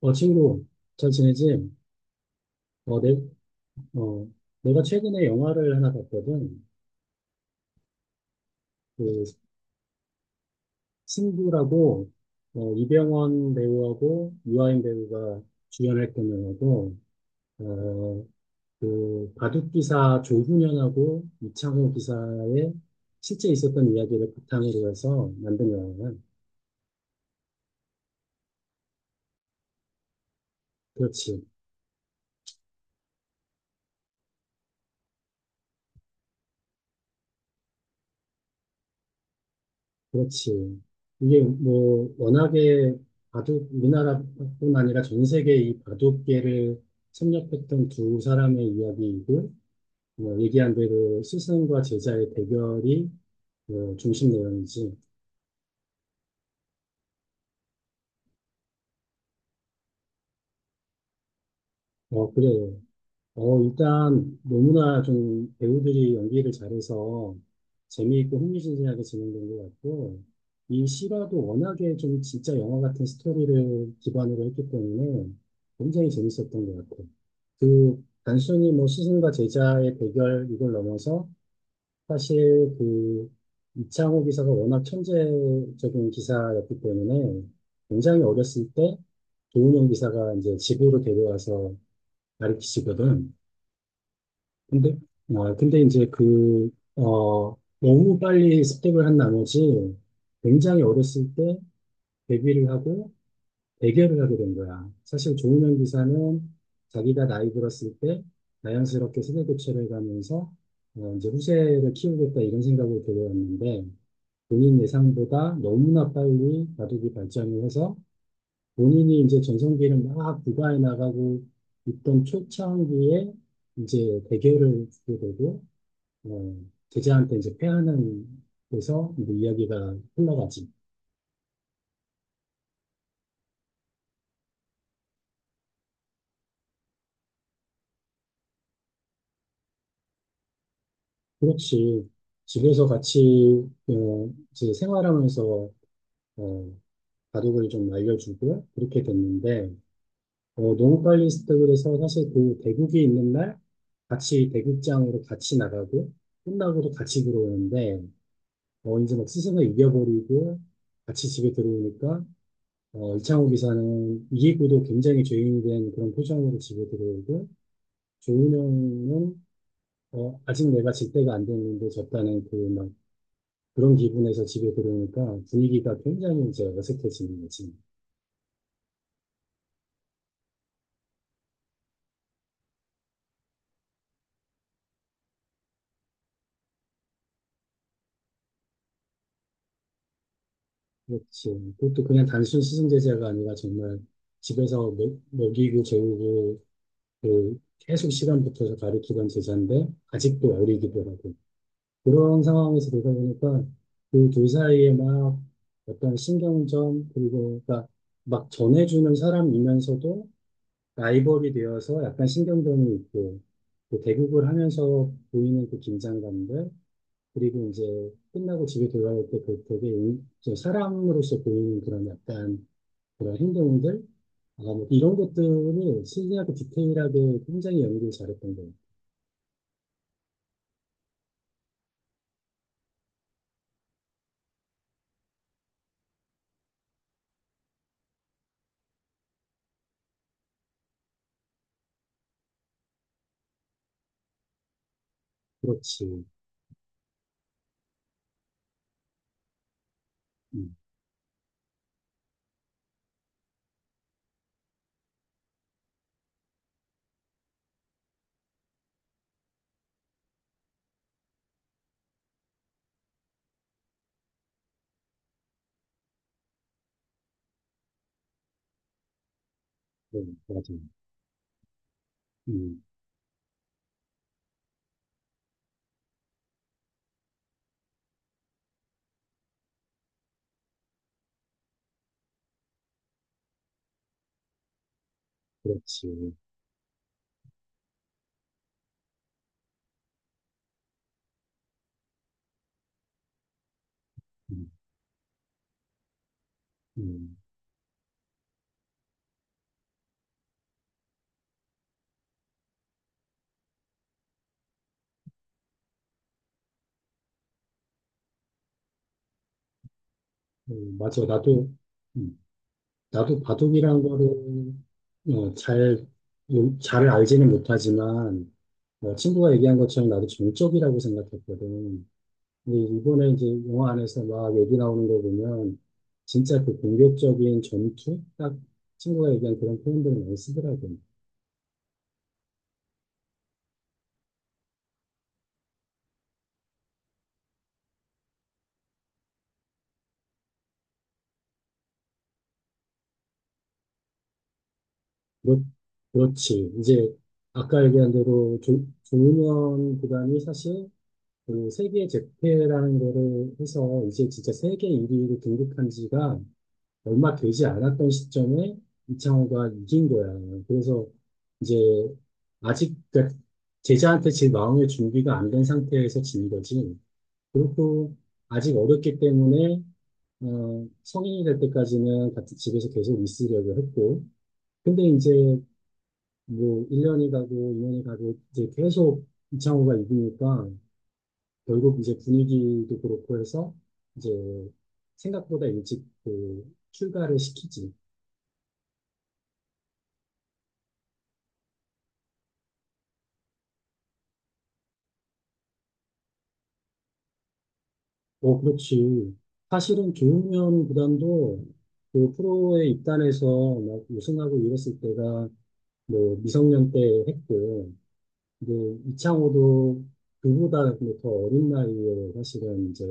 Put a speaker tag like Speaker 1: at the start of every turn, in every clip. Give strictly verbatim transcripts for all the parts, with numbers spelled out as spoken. Speaker 1: 어, 친구, 잘 지내지? 어, 내, 어, 내가 최근에 영화를 하나 봤거든. 그, 승부라고, 어, 이병헌 배우하고 유아인 배우가 주연했던 영화고, 어, 그, 바둑기사 조훈현하고 이창호 기사의 실제 있었던 이야기를 바탕으로 해서 만든 영화야. 그렇지. 그렇지. 이게 뭐 워낙에 바둑 우리나라뿐 아니라 전 세계 이 바둑계를 섭렵했던 두 사람의 이야기이고 뭐 얘기한 대로 스승과 제자의 대결이 뭐 중심 내용이지. 어 그래. 어, 일단 너무나 좀 배우들이 연기를 잘해서 재미있고 흥미진진하게 진행된 것 같고, 이 실화도 워낙에 좀 진짜 영화 같은 스토리를 기반으로 했기 때문에 굉장히 재밌었던 것 같아요. 그 단순히 뭐 스승과 제자의 대결 이걸 넘어서 사실 그 이창호 기사가 워낙 천재적인 기사였기 때문에 굉장히 어렸을 때 조은영 기사가 이제 집으로 데려와서 가르치시거든. 근데, 아, 근데 이제 그, 어, 너무 빨리 습득을 한 나머지 굉장히 어렸을 때 데뷔를 하고 대결을 하게 된 거야. 사실 조은현 기사는 자기가 나이 들었을 때 자연스럽게 세대 교체를 가면서 어, 이제 후세를 키우겠다 이런 생각을 들여왔는데 본인 예상보다 너무나 빨리 바둑이 발전을 해서 본인이 이제 전성기를 막 부과해 나가고 있던 초창기에 이제 대결을 주게 되고 어, 제자한테 이제 패하는 데서 이제 이야기가 흘러가지. 그렇지. 집에서 같이 어, 이제 생활하면서 어, 바둑을 좀 알려주고 그렇게 됐는데 어, 너무 빨리 스탑을 해서 사실 그 대국이 있는 날 같이 대국장으로 같이 나가고 끝나고도 같이 들어오는데 어, 이제 막 스승을 이겨버리고 같이 집에 들어오니까 어, 이창호 기사는 이기고도 굉장히 죄인된 그런 표정으로 집에 들어오고 종민형은 어, 아직 내가 질 때가 안 됐는데 졌다는 그 막 그런 기분에서 집에 들어오니까 분위기가 굉장히 이제 어색해지는 거지. 그렇지. 그것도 그냥 단순 시승 제재가 아니라 정말 집에서 먹, 먹이고 재우고 그 계속 시간 붙어서 가르치던 제자인데 아직도 어리기도 하고 그런 상황에서 되다 보니까 그 둘 사이에 막 어떤 신경전 그리고 그러니까 막 전해주는 사람이면서도 라이벌이 되어서 약간 신경전이 있고, 그 대국을 하면서 보이는 그 긴장감들, 그리고 이제 끝나고 집에 돌아올 때 그 되게 인- 좀 사람으로서 보이는 그런 약간 그런 행동들, 아, 뭐 이런 것들을 신기하고 디테일하게 굉장히 연기를 잘했던 거예요. 그렇지. 음, 네, 맞아. 음, 그렇지. 음, 음. 음, 맞아. 나도, 음, 나도 바둑이란 거를 어, 잘, 음, 잘 알지는 못하지만, 어, 친구가 얘기한 것처럼 나도 정적이라고 생각했거든. 근데 이번에 이제 영화 안에서 막 얘기 나오는 거 보면, 진짜 그 공격적인 전투? 딱 친구가 얘기한 그런 표현들을 많이 쓰더라고. 그렇, 그렇지. 이제 아까 얘기한 대로 조, 조은현 구단이 사실 그 세계 재패라는 거를 해서 이제 진짜 세계 일 위로 등극한 지가 얼마 되지 않았던 시점에 이창호가 이긴 거야. 그래서 이제 아직 그러니까 제자한테 제 마음의 준비가 안 된 상태에서 진 거지. 그렇고 아직 어렸기 때문에 어, 성인이 될 때까지는 같은 집에서 계속 있으려고 했고. 근데 이제 뭐 일 년이 가고 이 년이 가고 이제 계속 이창호가 이기니까 결국 이제 분위기도 그렇고 해서 이제 생각보다 일찍 그 출가를 시키지. 어, 그렇지. 사실은 조용현 구단도 그 프로에 입단해서 막 우승하고 이랬을 때가 뭐 미성년 때 했고, 이제 이창호도 그보다 뭐더 어린 나이에 사실은 이제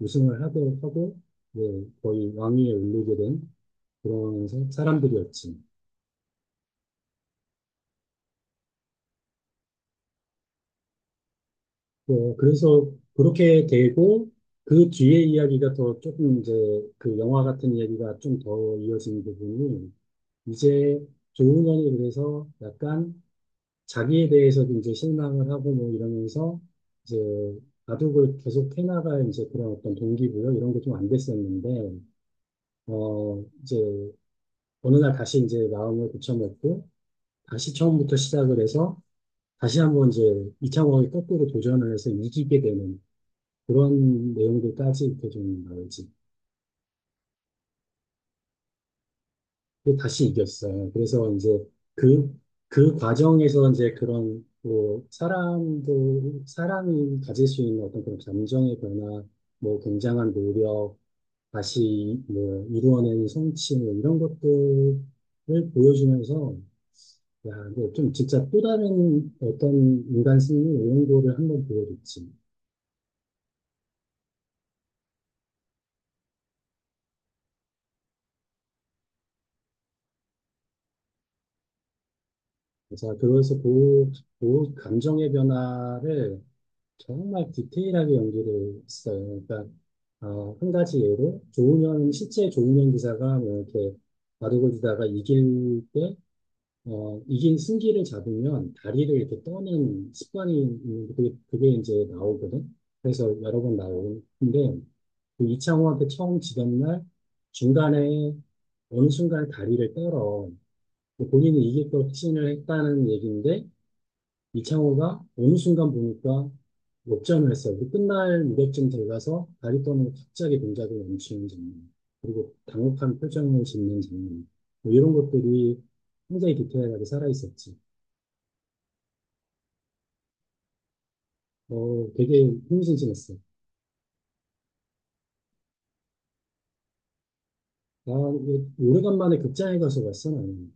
Speaker 1: 우승을 하고, 하고, 이제 거의 왕위에 오르게 된 그런 사- 사람들이었지. 어, 그래서 그렇게 되고, 그 뒤에 이야기가 더 조금 이제 그 영화 같은 이야기가 좀 더 이어진 부분이 이제 조용현이 그래서 약간 자기에 대해서도 이제 실망을 하고 뭐 이러면서 이제 바둑을 계속 해나갈 이제 그런 어떤 동기부여 이런 게 좀 안 됐었는데, 어, 이제 어느 날 다시 이제 마음을 고쳐먹고 다시 처음부터 시작을 해서 다시 한번 이제 이창호의 거꾸로 도전을 해서 이기게 되는 그런 내용들까지 이렇게 좀 나오지. 또 다시 이겼어요. 그래서 이제 그, 그 과정에서 이제 그런 뭐 사람도 사람이 가질 수 있는 어떤 그런 감정의 변화, 뭐 굉장한 노력, 다시 뭐 이루어낸 성취 뭐 이런 것들을 보여주면서 야, 이거 좀 진짜 또 다른 어떤 인간 승리 이런 거를 한번 보여줬지. 그래서 그래서 그, 그 감정의 변화를 정말 디테일하게 연기를 했어요. 그러니까 어, 한 가지 예로 조은현 실제 조은현 기사가 뭐 이렇게 바둑을 두다가 이길 때 어, 이긴 승기를 잡으면 다리를 이렇게 떠는 습관이 있는데 그게, 그게 이제 나오거든. 그래서 여러 번 나오는데 그 이창호한테 처음 지던 날 중간에 어느 순간 다리를 떨어 본인이 이길 걸 확신을 했다는 얘기인데 이창호가 어느 순간 보니까 역전을 했어요. 그 끝날 무렵쯤 어가서 다리 떠는 갑자기 동작을 멈추는 장면, 그리고 당혹한 표정을 짓는 장면, 뭐 이런 것들이 굉장히 디테일하게 살아있었지. 어, 되게 흥미진진했어. 나 오래간만에 극장에 가서 봤어, 나는.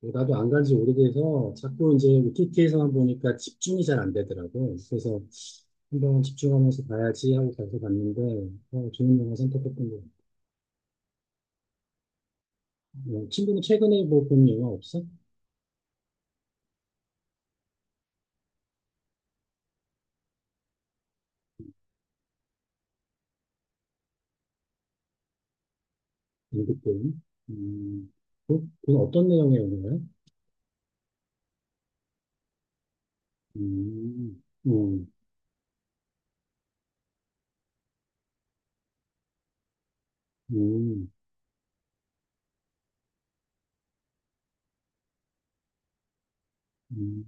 Speaker 1: 나도 안 간지 오래돼서 자꾸 이제 오티티에서만 보니까 집중이 잘 안 되더라고. 그래서 한번 집중하면서 봐야지 하고 가서 봤는데, 어, 좋은 영화 선택했던 것 같아. 어, 친구는 최근에 뭐 본 영화 없어? 연극 배우? 음, 그, 그 어떤 내용의 영화야? 음, 음, 음, 음,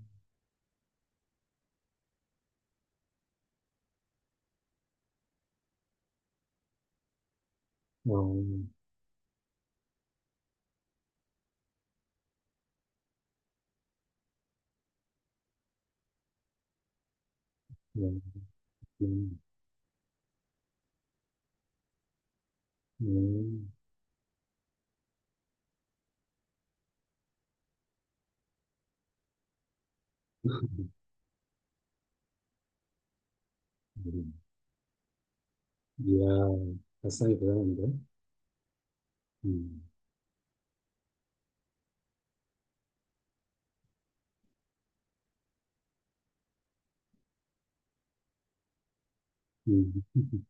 Speaker 1: 어, 음, 음, 음, 음. 이야, 발상이 대단한데? 음, 음,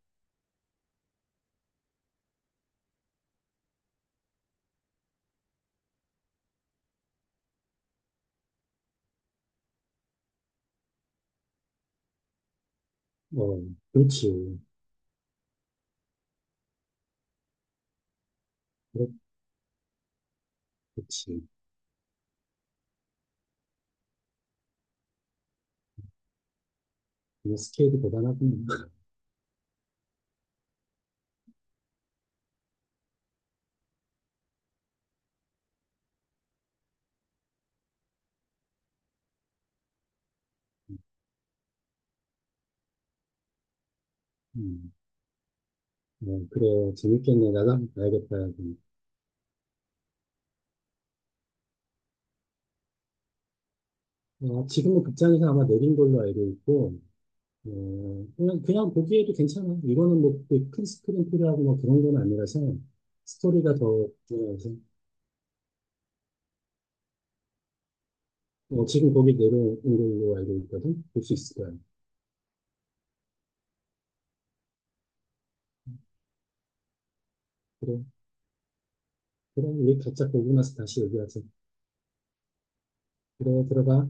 Speaker 1: 어, 그렇지. 그렇- 그렇지. 이거 스케일이 대단하군. 음, 어, 그래, 재밌겠네. 나도 한번 봐야겠다. 여기. 어, 지금은 극장에서 아마 내린 걸로 알고 있고, 어, 그냥, 그냥 보기에도 괜찮아. 이거는 뭐, 그큰 스크린 필요하고 뭐 그런 건 아니라서, 스토리가 더 중요해서, 어, 지금 거기 내려온 걸로 알고 있거든? 볼 수 있을 거야. 그래, 그럼 우리 각자 보고 나서 다시 얘기하자. 그래, 들어가.